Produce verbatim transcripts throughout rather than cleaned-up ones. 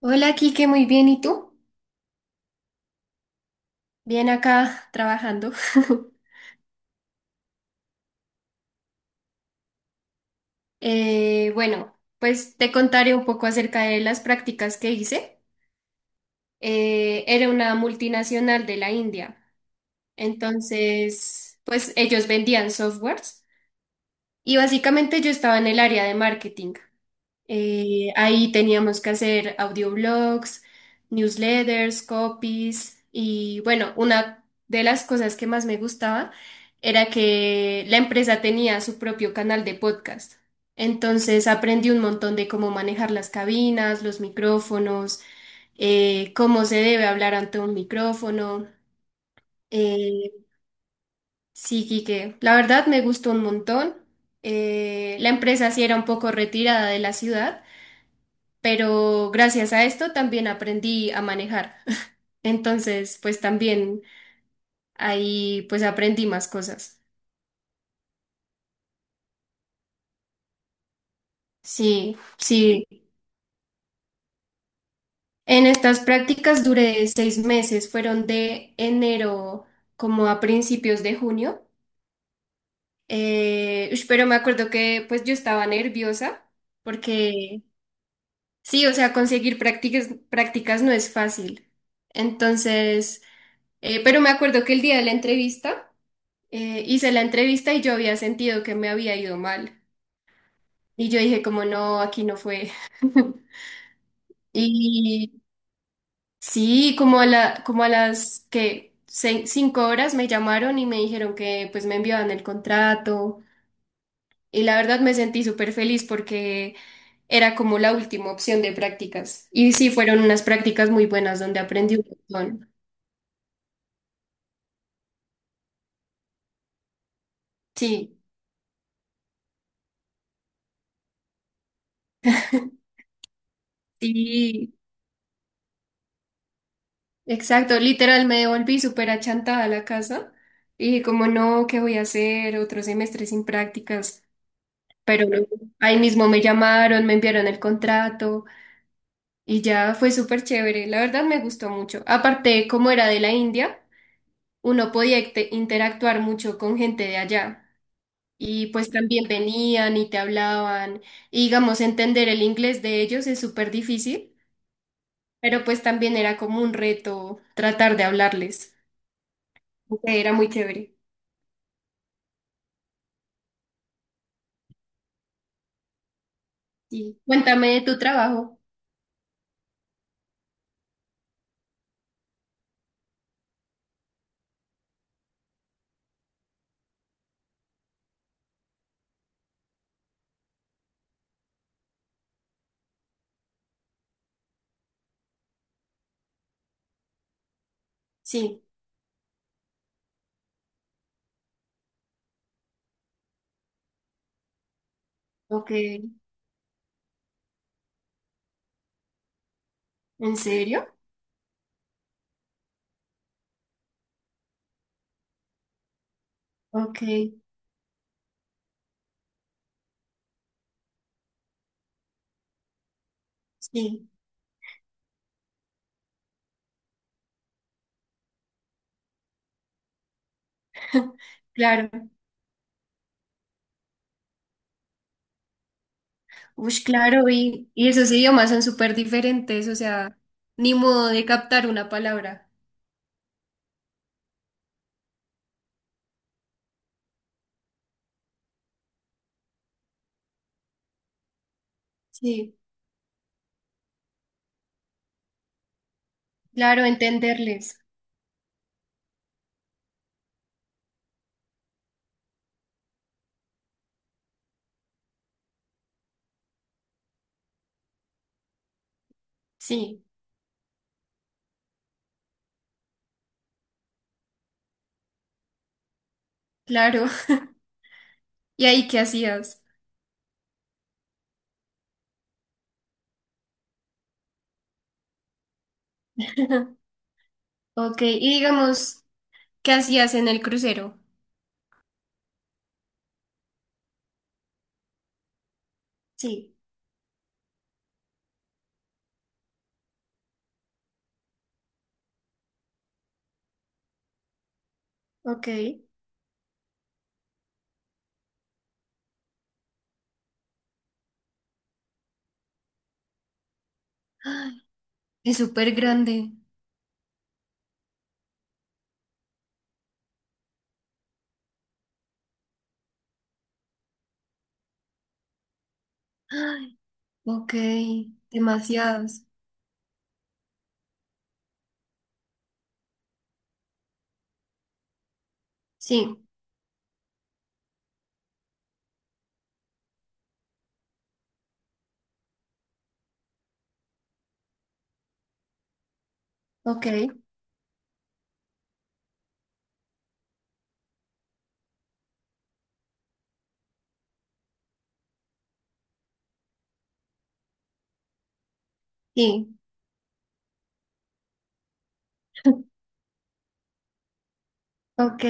Hola, Kike, muy bien. ¿Y tú? Bien acá trabajando. Eh, bueno, pues te contaré un poco acerca de las prácticas que hice. Eh, era una multinacional de la India. Entonces, pues ellos vendían softwares y básicamente yo estaba en el área de marketing. Eh, ahí teníamos que hacer audioblogs, newsletters, copies y bueno, una de las cosas que más me gustaba era que la empresa tenía su propio canal de podcast. Entonces aprendí un montón de cómo manejar las cabinas, los micrófonos, eh, cómo se debe hablar ante un micrófono. Eh, sí, Quique, la verdad me gustó un montón. Eh, la empresa sí era un poco retirada de la ciudad, pero gracias a esto también aprendí a manejar. Entonces, pues también ahí pues aprendí más cosas. Sí, sí. En estas prácticas duré seis meses, fueron de enero como a principios de junio. Eh, ush, pero me acuerdo que pues yo estaba nerviosa porque sí, o sea, conseguir prácticas, prácticas no es fácil. Entonces, eh, pero me acuerdo que el día de la entrevista Eh, hice la entrevista y yo había sentido que me había ido mal. Y yo dije como no, aquí no fue. Y sí, como a la, como a las que cinco horas me llamaron y me dijeron que pues me enviaban el contrato. Y la verdad me sentí súper feliz porque era como la última opción de prácticas. Y sí, fueron unas prácticas muy buenas donde aprendí un montón. Sí, sí. Exacto, literal me devolví súper achantada a la casa y dije como no, ¿qué voy a hacer? Otro semestre sin prácticas, pero no, ahí mismo me llamaron, me enviaron el contrato y ya fue súper chévere, la verdad me gustó mucho. Aparte, como era de la India, uno podía inte- interactuar mucho con gente de allá y pues también venían y te hablaban y digamos entender el inglés de ellos es súper difícil, pero pues también era como un reto tratar de hablarles. Entonces, era muy chévere. Sí. Cuéntame de tu trabajo. Sí, ok. ¿En serio? Ok, sí, claro. Uy, claro, y, y esos idiomas son súper diferentes, o sea, ni modo de captar una palabra. Sí, claro, entenderles. Sí, claro. ¿Y ahí qué hacías? Ok, y digamos, ¿qué hacías en el crucero? Sí, ok. Ay, es súper grande. Ay, ok, demasiados. Sí, ok, sí. Ok.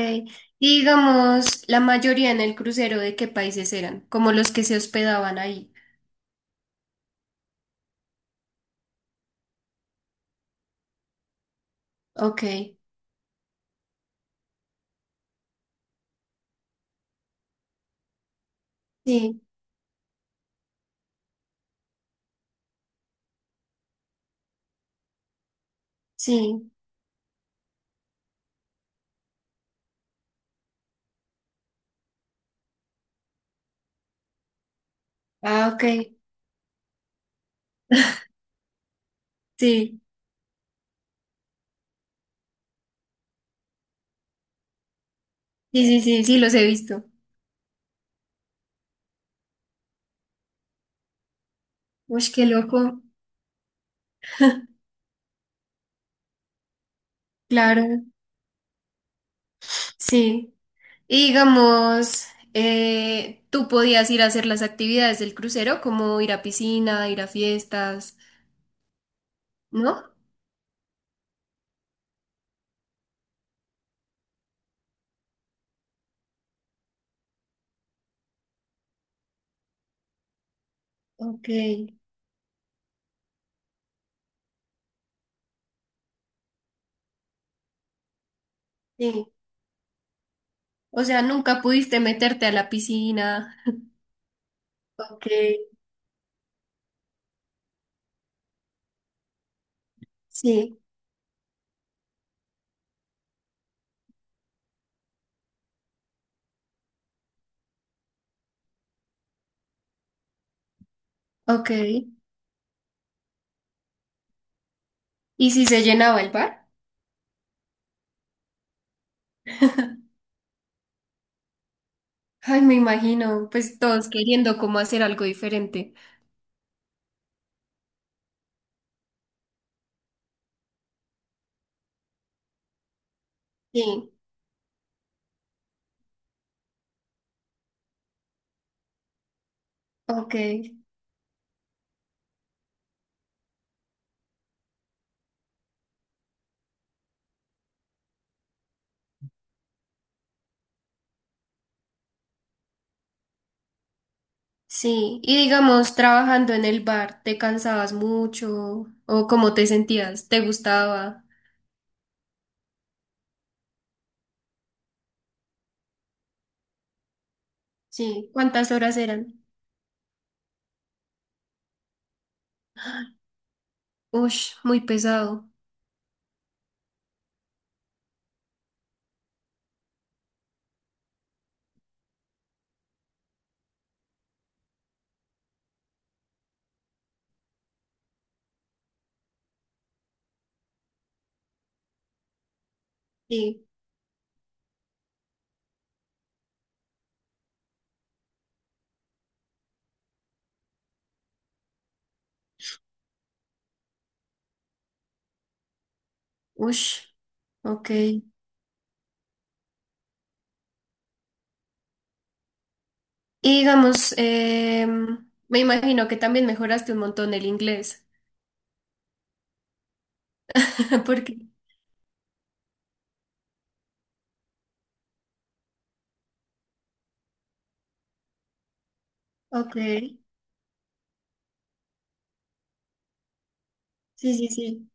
Y digamos, la mayoría en el crucero, ¿de qué países eran? Como los que se hospedaban ahí. Ok. Sí, sí. Ah, ok. Sí. Sí, sí, sí, sí, los he visto. Uy, qué loco. Claro. Sí. Y digamos, eh, tú podías ir a hacer las actividades del crucero, como ir a piscina, ir a fiestas, ¿no? Ok. Sí. O sea, nunca pudiste meterte a la piscina. Ok. Sí. Ok. ¿Y si se llenaba el bar? Ay, me imagino, pues todos queriendo como hacer algo diferente. Sí, ok, sí. Y digamos, trabajando en el bar, ¿te cansabas mucho? ¿O cómo te sentías? ¿Te gustaba? Sí, ¿cuántas horas eran? Ush, muy pesado. Sí, ush, ok. Y digamos, em, me imagino que también mejoraste un montón el inglés. Porque, ok, sí, sí, sí,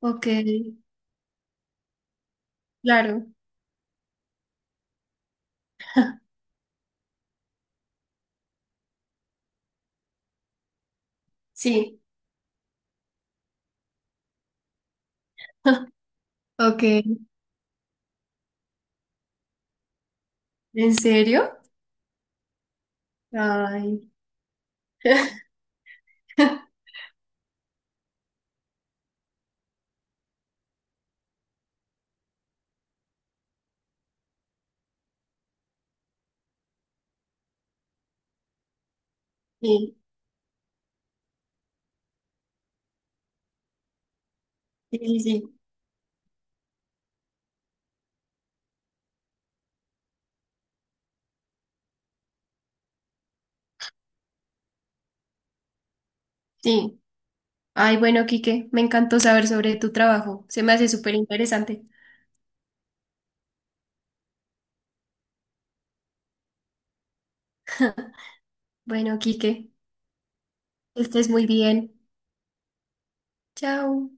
ok, claro, sí. Ok, ¿en serio? Ay. Sí, sí, sí, sí. sí. Ay, bueno, Quique, me encantó saber sobre tu trabajo. Se me hace súper interesante. Bueno, Quique, que estés muy bien. Chao.